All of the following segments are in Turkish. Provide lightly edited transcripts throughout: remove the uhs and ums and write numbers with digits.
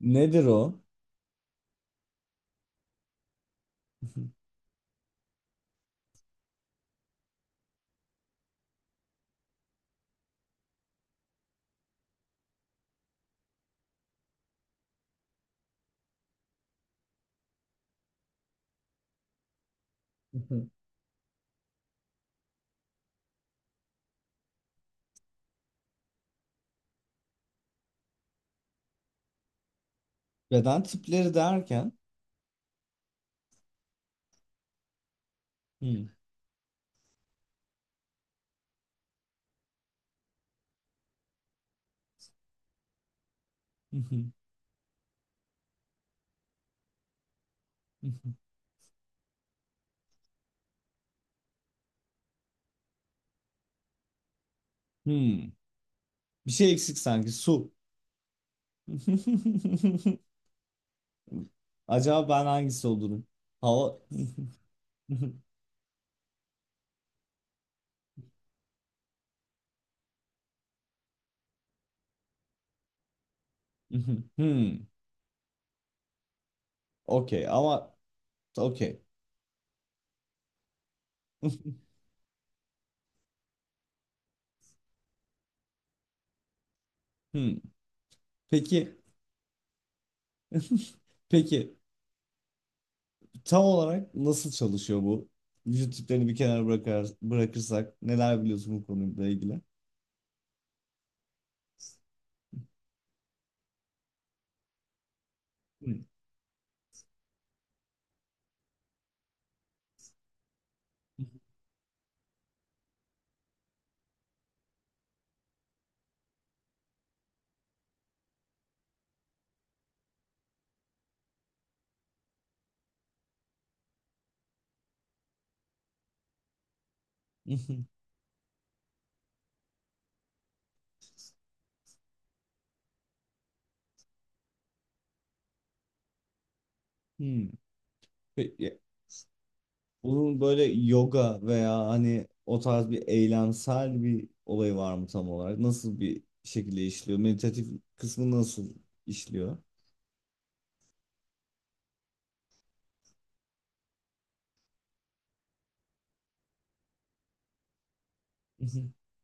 Nedir o? Beden tipleri derken hmm. Hmm. Bir şey eksik sanki su. Acaba ben hangisi olurum? Hava. hmm. Okey ama okey. Hmm. Peki, peki tam olarak nasıl çalışıyor bu? Vücut tiplerini bir kenara bırakırsak neler biliyorsun bu konuyla ilgili? Hmm. Hmm. Peki, bunun böyle yoga veya hani o tarz bir eylemsel bir olayı var mı tam olarak? Nasıl bir şekilde işliyor? Meditatif kısmı nasıl işliyor?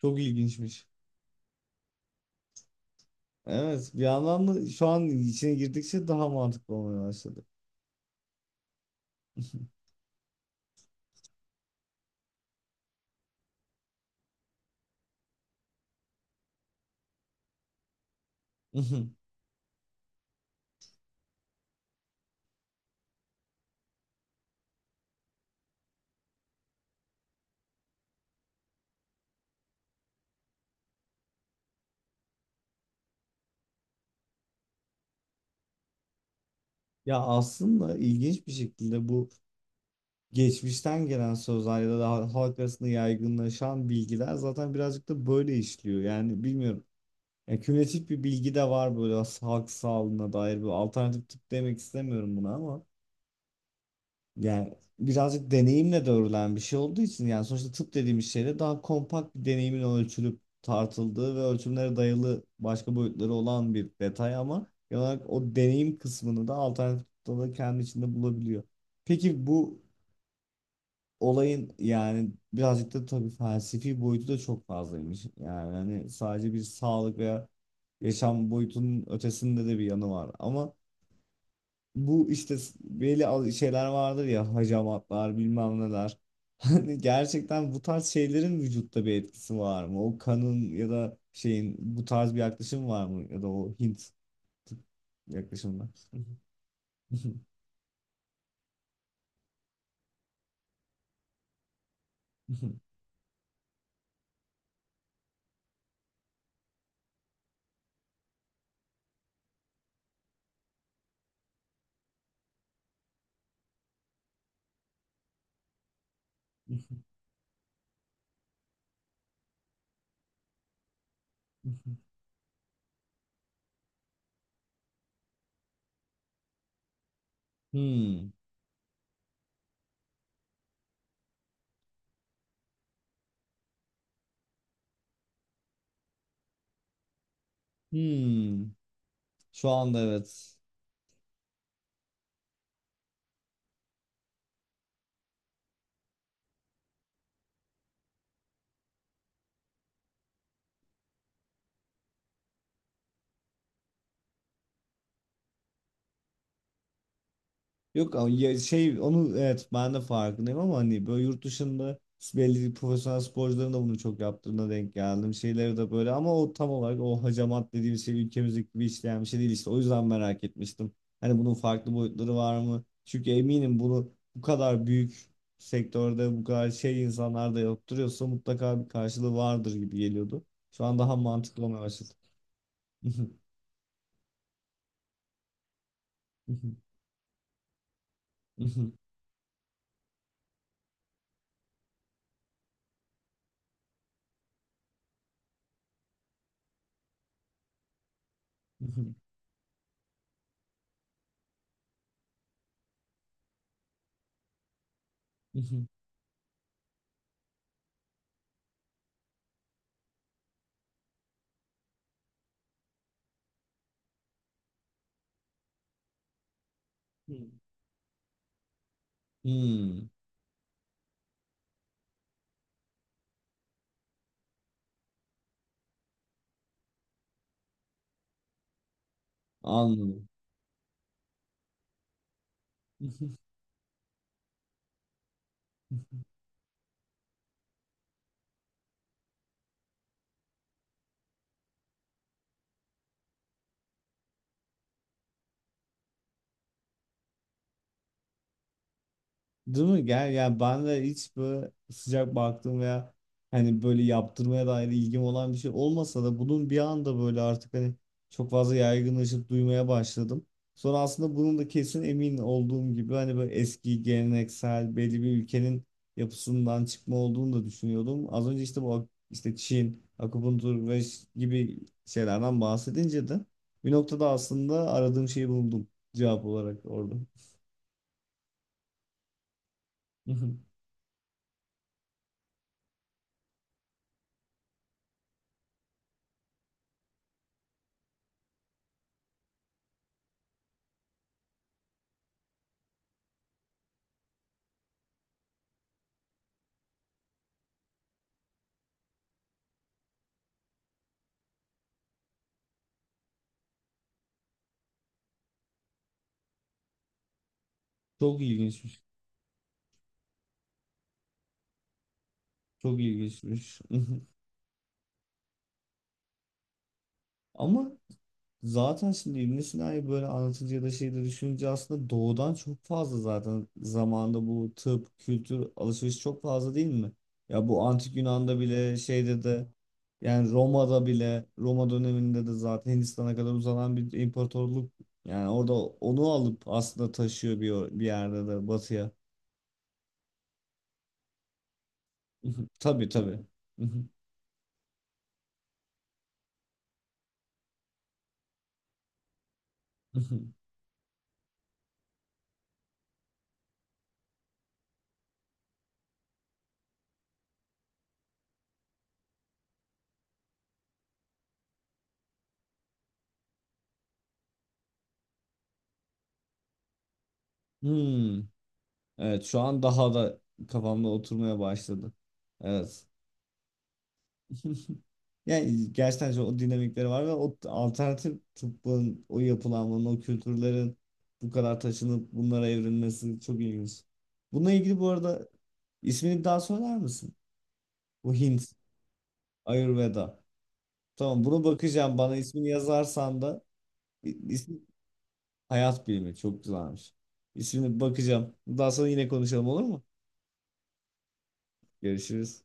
Çok ilginçmiş. Evet, bir yandan da şu an içine girdikçe daha mantıklı olmaya başladı. Ya aslında ilginç bir şekilde bu geçmişten gelen sözler ya da halk arasında yaygınlaşan bilgiler zaten birazcık da böyle işliyor. Yani bilmiyorum. Ya kümülatif bir bilgi de var böyle halk sağlığına dair. Böyle alternatif tıp demek istemiyorum buna ama yani birazcık deneyimle de örülen bir şey olduğu için yani sonuçta tıp dediğimiz şeyde daha kompakt bir deneyimin ölçülüp tartıldığı ve ölçümlere dayalı başka boyutları olan bir detay ama genel olarak o deneyim kısmını da alternatif tıpta da kendi içinde bulabiliyor. Peki bu olayın yani birazcık da tabii felsefi boyutu da çok fazlaymış. Yani hani sadece bir sağlık veya yaşam boyutunun ötesinde de bir yanı var. Ama bu işte belli şeyler vardır ya hacamatlar bilmem neler. Hani gerçekten bu tarz şeylerin vücutta bir etkisi var mı? O kanın ya da şeyin bu tarz bir yaklaşım var mı? Ya da o Hint tıp yaklaşımda. Hmm. Hmm. Şu anda evet. Yok ama ya şey onu evet ben de farkındayım ama hani böyle yurt dışında belli bir profesyonel sporcuların da bunu çok yaptığına denk geldim. Şeyleri de böyle ama o tam olarak o hacamat dediğim şey ülkemizdeki gibi işleyen bir şey değil işte. O yüzden merak etmiştim. Hani bunun farklı boyutları var mı? Çünkü eminim bunu bu kadar büyük sektörde bu kadar şey insanlar da yaptırıyorsa mutlaka bir karşılığı vardır gibi geliyordu. Şu an daha mantıklı olmaya başladı. Hmm, anladım. Değil mi? Gel ya ben de hiç böyle sıcak baktığım veya hani böyle yaptırmaya dair ilgim olan bir şey olmasa da bunun bir anda böyle artık hani çok fazla yaygınlaşıp duymaya başladım. Sonra aslında bunun da kesin emin olduğum gibi hani böyle eski geleneksel belli bir ülkenin yapısından çıkma olduğunu da düşünüyordum. Az önce işte bu işte Çin, akupunktur ve gibi şeylerden bahsedince de bir noktada aslında aradığım şeyi buldum cevap olarak orada. Çok ilginçmiş. Çok ilginçmiş. Ama zaten şimdi İbn Sina'yı böyle anlatınca ya da şeyde düşününce aslında doğudan çok fazla zaten zamanında bu tıp, kültür, alışveriş çok fazla değil mi? Ya bu antik Yunan'da bile şeyde de yani Roma'da bile Roma döneminde de zaten Hindistan'a kadar uzanan bir imparatorluk yani orada onu alıp aslında taşıyor bir yerde de batıya. Tabii tabii. Hmm. Evet şu an daha da kafamda oturmaya başladı. Evet. Yani gerçekten o dinamikleri var ve o alternatif tıbbın, o yapılanmanın, o kültürlerin bu kadar taşınıp bunlara evrilmesi çok ilginç. Bununla ilgili bu arada ismini bir daha söyler misin? Bu Hint, Ayurveda. Tamam bunu bakacağım. Bana ismini yazarsan da ismi Hayat Bilimi çok güzelmiş. İsmini bakacağım. Daha sonra yine konuşalım olur mu? Görüşürüz.